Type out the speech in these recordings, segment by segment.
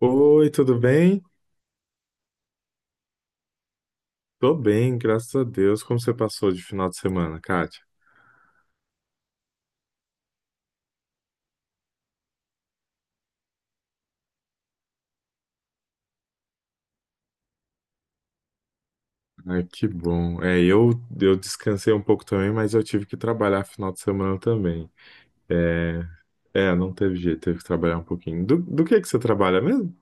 Oi, tudo bem? Tô bem, graças a Deus. Como você passou de final de semana, Kátia? Ai, que bom. É, eu descansei um pouco também, mas eu tive que trabalhar final de semana também. É, é, não teve jeito, teve que trabalhar um pouquinho. Do que você trabalha mesmo?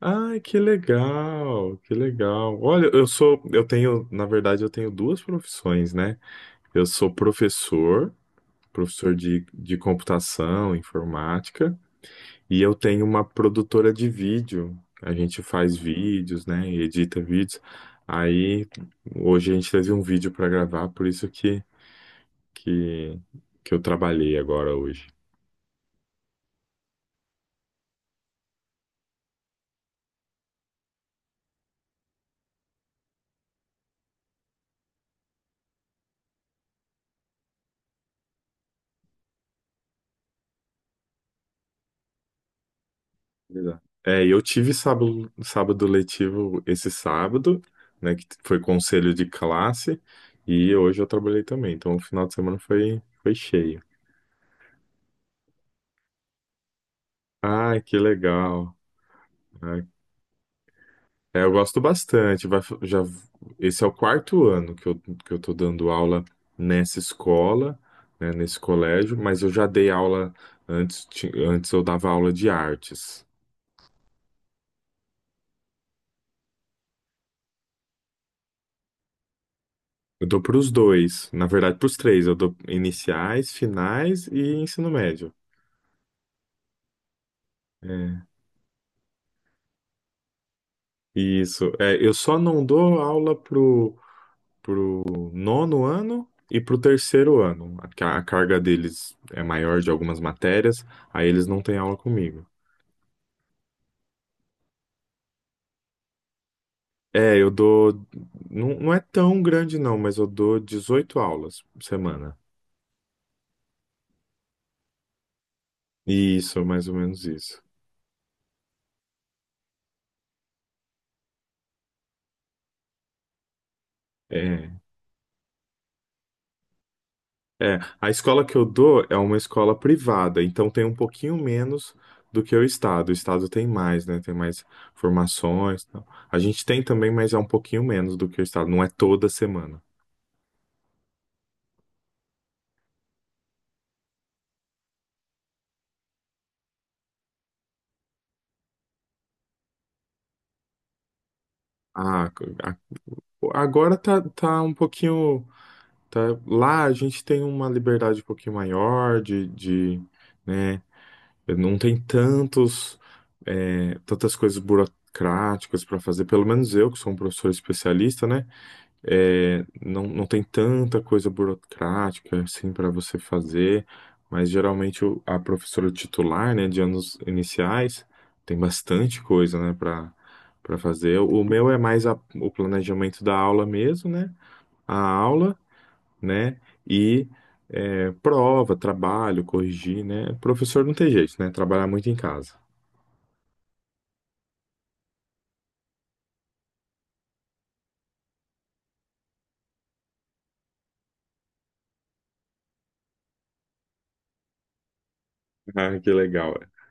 Ai, que legal, que legal. Olha, eu tenho, na verdade, eu tenho duas profissões, né? Eu sou professor, professor de computação, informática. E eu tenho uma produtora de vídeo. A gente faz vídeos, né? E edita vídeos. Aí hoje a gente teve um vídeo para gravar, por isso que, que eu trabalhei agora hoje. Exato. É, e eu tive sábado letivo esse sábado, né? Que foi conselho de classe. E hoje eu trabalhei também. Então o final de semana foi cheio. Ah, que legal. É, eu gosto bastante. Esse é o quarto ano que eu tô dando aula nessa escola, né, nesse colégio, mas eu já dei aula antes eu dava aula de artes. Eu dou para os dois, na verdade, para os três. Eu dou iniciais, finais e ensino médio. É, isso. É, eu só não dou aula pro nono ano e pro terceiro ano. A carga deles é maior de algumas matérias, aí eles não têm aula comigo. É, eu dou. Não, não é tão grande, não, mas eu dou 18 aulas por semana. Isso, mais ou menos isso. É, é. A escola que eu dou é uma escola privada, então tem um pouquinho menos do que o estado. O estado tem mais, né? Tem mais formações e tal. A gente tem também, mas é um pouquinho menos do que o estado. Não é toda semana. Ah, a- agora tá um pouquinho. Tá, lá a gente tem uma liberdade um pouquinho maior né? Não tem tantos, tantas coisas burocráticas para fazer. Pelo menos eu, que sou um professor especialista, né? É, não, não tem tanta coisa burocrática assim para você fazer. Mas geralmente a professora titular, né, de anos iniciais, tem bastante coisa, né, para fazer. O meu é mais o planejamento da aula mesmo, né? A aula, né? E prova, trabalho, corrigir, né? Professor não tem jeito, né? Trabalhar muito em casa. Ah, que legal. É.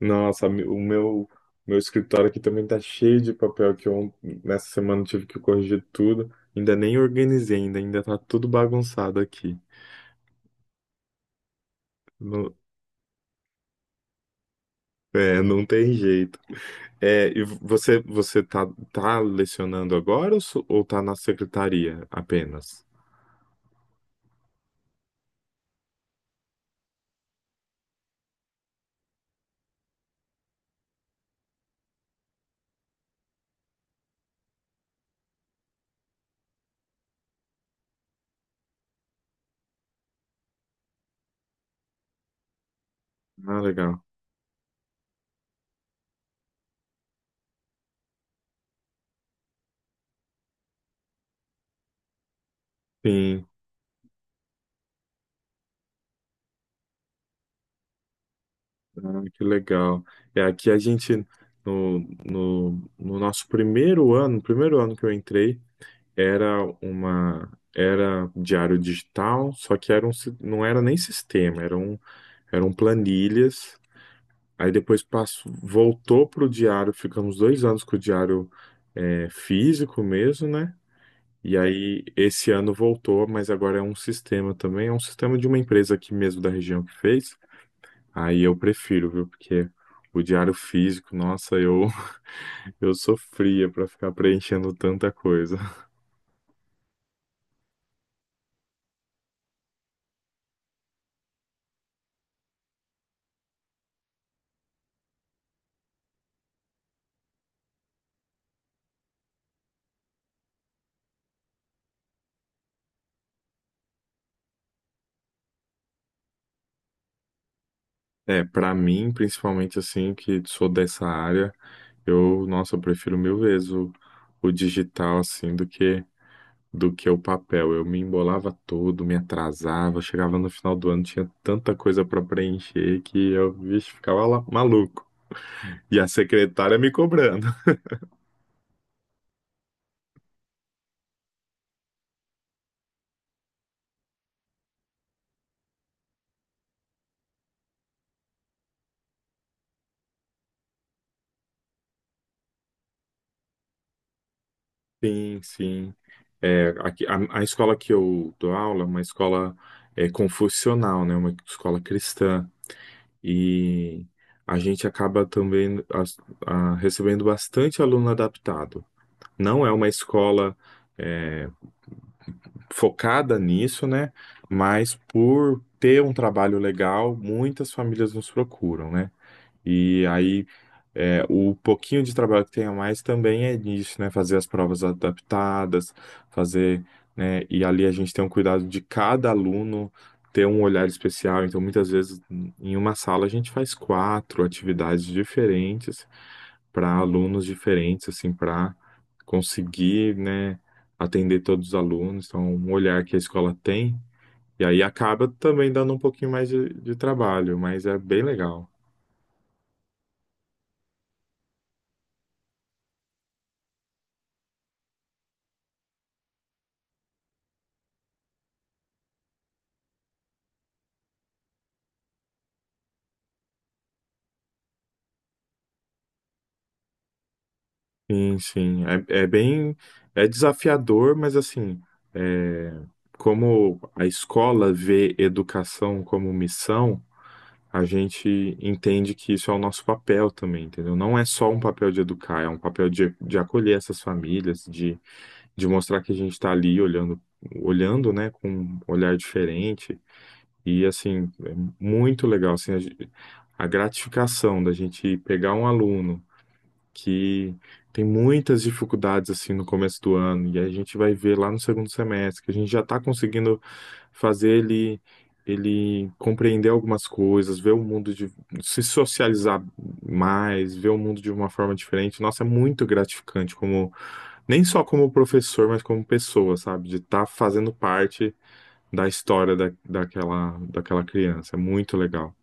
Nossa, o meu escritório aqui também tá cheio de papel que eu nessa semana tive que corrigir tudo. Ainda nem organizei ainda, ainda tá tudo bagunçado aqui. Não, não tem jeito. É, e você, você tá lecionando agora ou tá na secretaria apenas? Ah, legal. Sim. Ah, que legal. É, aqui a gente, no, no, no nosso primeiro ano que eu entrei, era uma, era diário digital, só que não era nem sistema, eram planilhas. Aí depois passou, voltou para o diário, ficamos 2 anos com o diário físico mesmo, né? E aí esse ano voltou, mas agora é um sistema também, é um sistema de uma empresa aqui mesmo da região que fez. Aí eu prefiro, viu? Porque o diário físico, nossa, eu, eu sofria pra ficar preenchendo tanta coisa. É, pra mim, principalmente assim, que sou dessa área, nossa, eu prefiro mil vezes o digital, assim, do que o papel. Eu me embolava todo, me atrasava, chegava no final do ano, tinha tanta coisa pra preencher que eu, vixe, ficava lá, maluco. E a secretária me cobrando. Sim, sim. É, aqui, a escola que eu dou aula é uma escola confucional, né? Uma escola cristã. E a gente acaba também recebendo bastante aluno adaptado. Não é uma escola é, focada nisso, né? Mas por ter um trabalho legal, muitas famílias nos procuram, né? E aí o pouquinho de trabalho que tem a mais também é nisso, né? Fazer as provas adaptadas, fazer, né? E ali a gente tem um cuidado de cada aluno ter um olhar especial. Então, muitas vezes, em uma sala, a gente faz quatro atividades diferentes para alunos diferentes, assim, para conseguir, né, atender todos os alunos. Então, um olhar que a escola tem. E aí acaba também dando um pouquinho mais de trabalho, mas é bem legal. Sim, sim. É, é bem, é desafiador, mas assim, é, como a escola vê educação como missão, a gente entende que isso é o nosso papel também, entendeu? Não é só um papel de educar, é um papel de acolher essas famílias, de mostrar que a gente está ali olhando, olhando, né, com um olhar diferente. E assim, é muito legal, assim, a gratificação da gente pegar um aluno que tem muitas dificuldades assim no começo do ano e a gente vai ver lá no segundo semestre que a gente já está conseguindo fazer ele compreender algumas coisas, ver o mundo de se socializar mais, ver o mundo de uma forma diferente. Nossa, é muito gratificante como nem só como professor, mas como pessoa, sabe? De estar fazendo parte da história da, daquela daquela criança. É muito legal.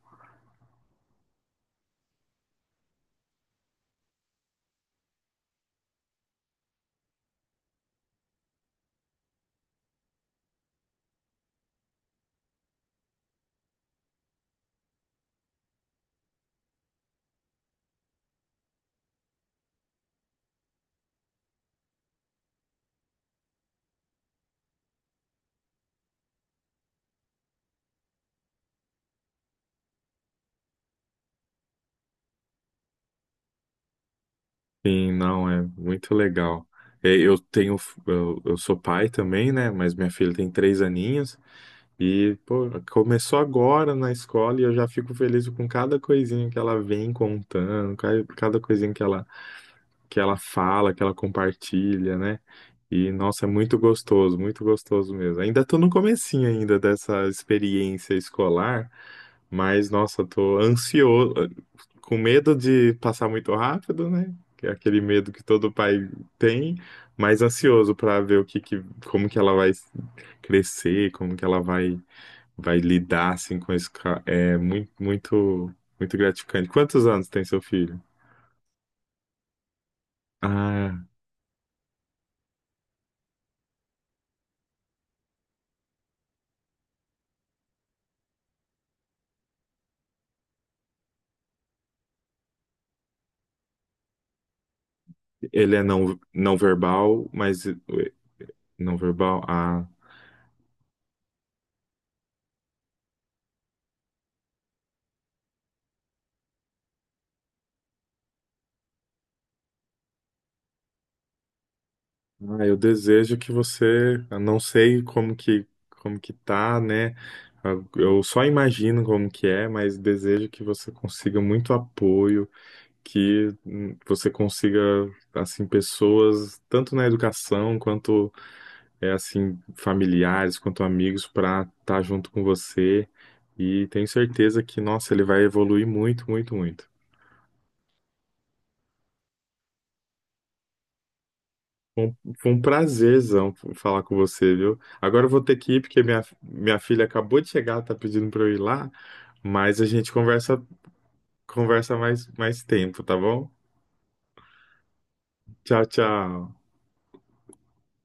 Sim, não, é muito legal. É, eu sou pai também, né? Mas minha filha tem 3 aninhos e, pô, começou agora na escola e eu já fico feliz com cada coisinha que ela vem contando, cada coisinha que ela fala, que ela compartilha, né? E, nossa, é muito gostoso mesmo. Ainda tô no comecinho ainda dessa experiência escolar, mas, nossa, tô ansioso, com medo de passar muito rápido, né? Que é aquele medo que todo pai tem, mas ansioso para ver como que ela vai crescer, como que ela vai lidar assim com isso. É muito, muito, muito gratificante. Quantos anos tem seu filho? Ah, ele é não, não verbal, mas não verbal. Ah. Ah, eu desejo eu não sei como que tá, né? Eu só imagino como que é, mas desejo que você consiga muito apoio, que você consiga assim pessoas tanto na educação quanto é assim familiares, quanto amigos para estar junto com você. E tenho certeza que, nossa, ele vai evoluir muito, muito, muito. Foi um prazerzão falar com você, viu? Agora eu vou ter que ir porque minha filha acabou de chegar, tá pedindo pra eu ir lá, mas a gente conversa mais tempo, tá bom? Tchau, tchau.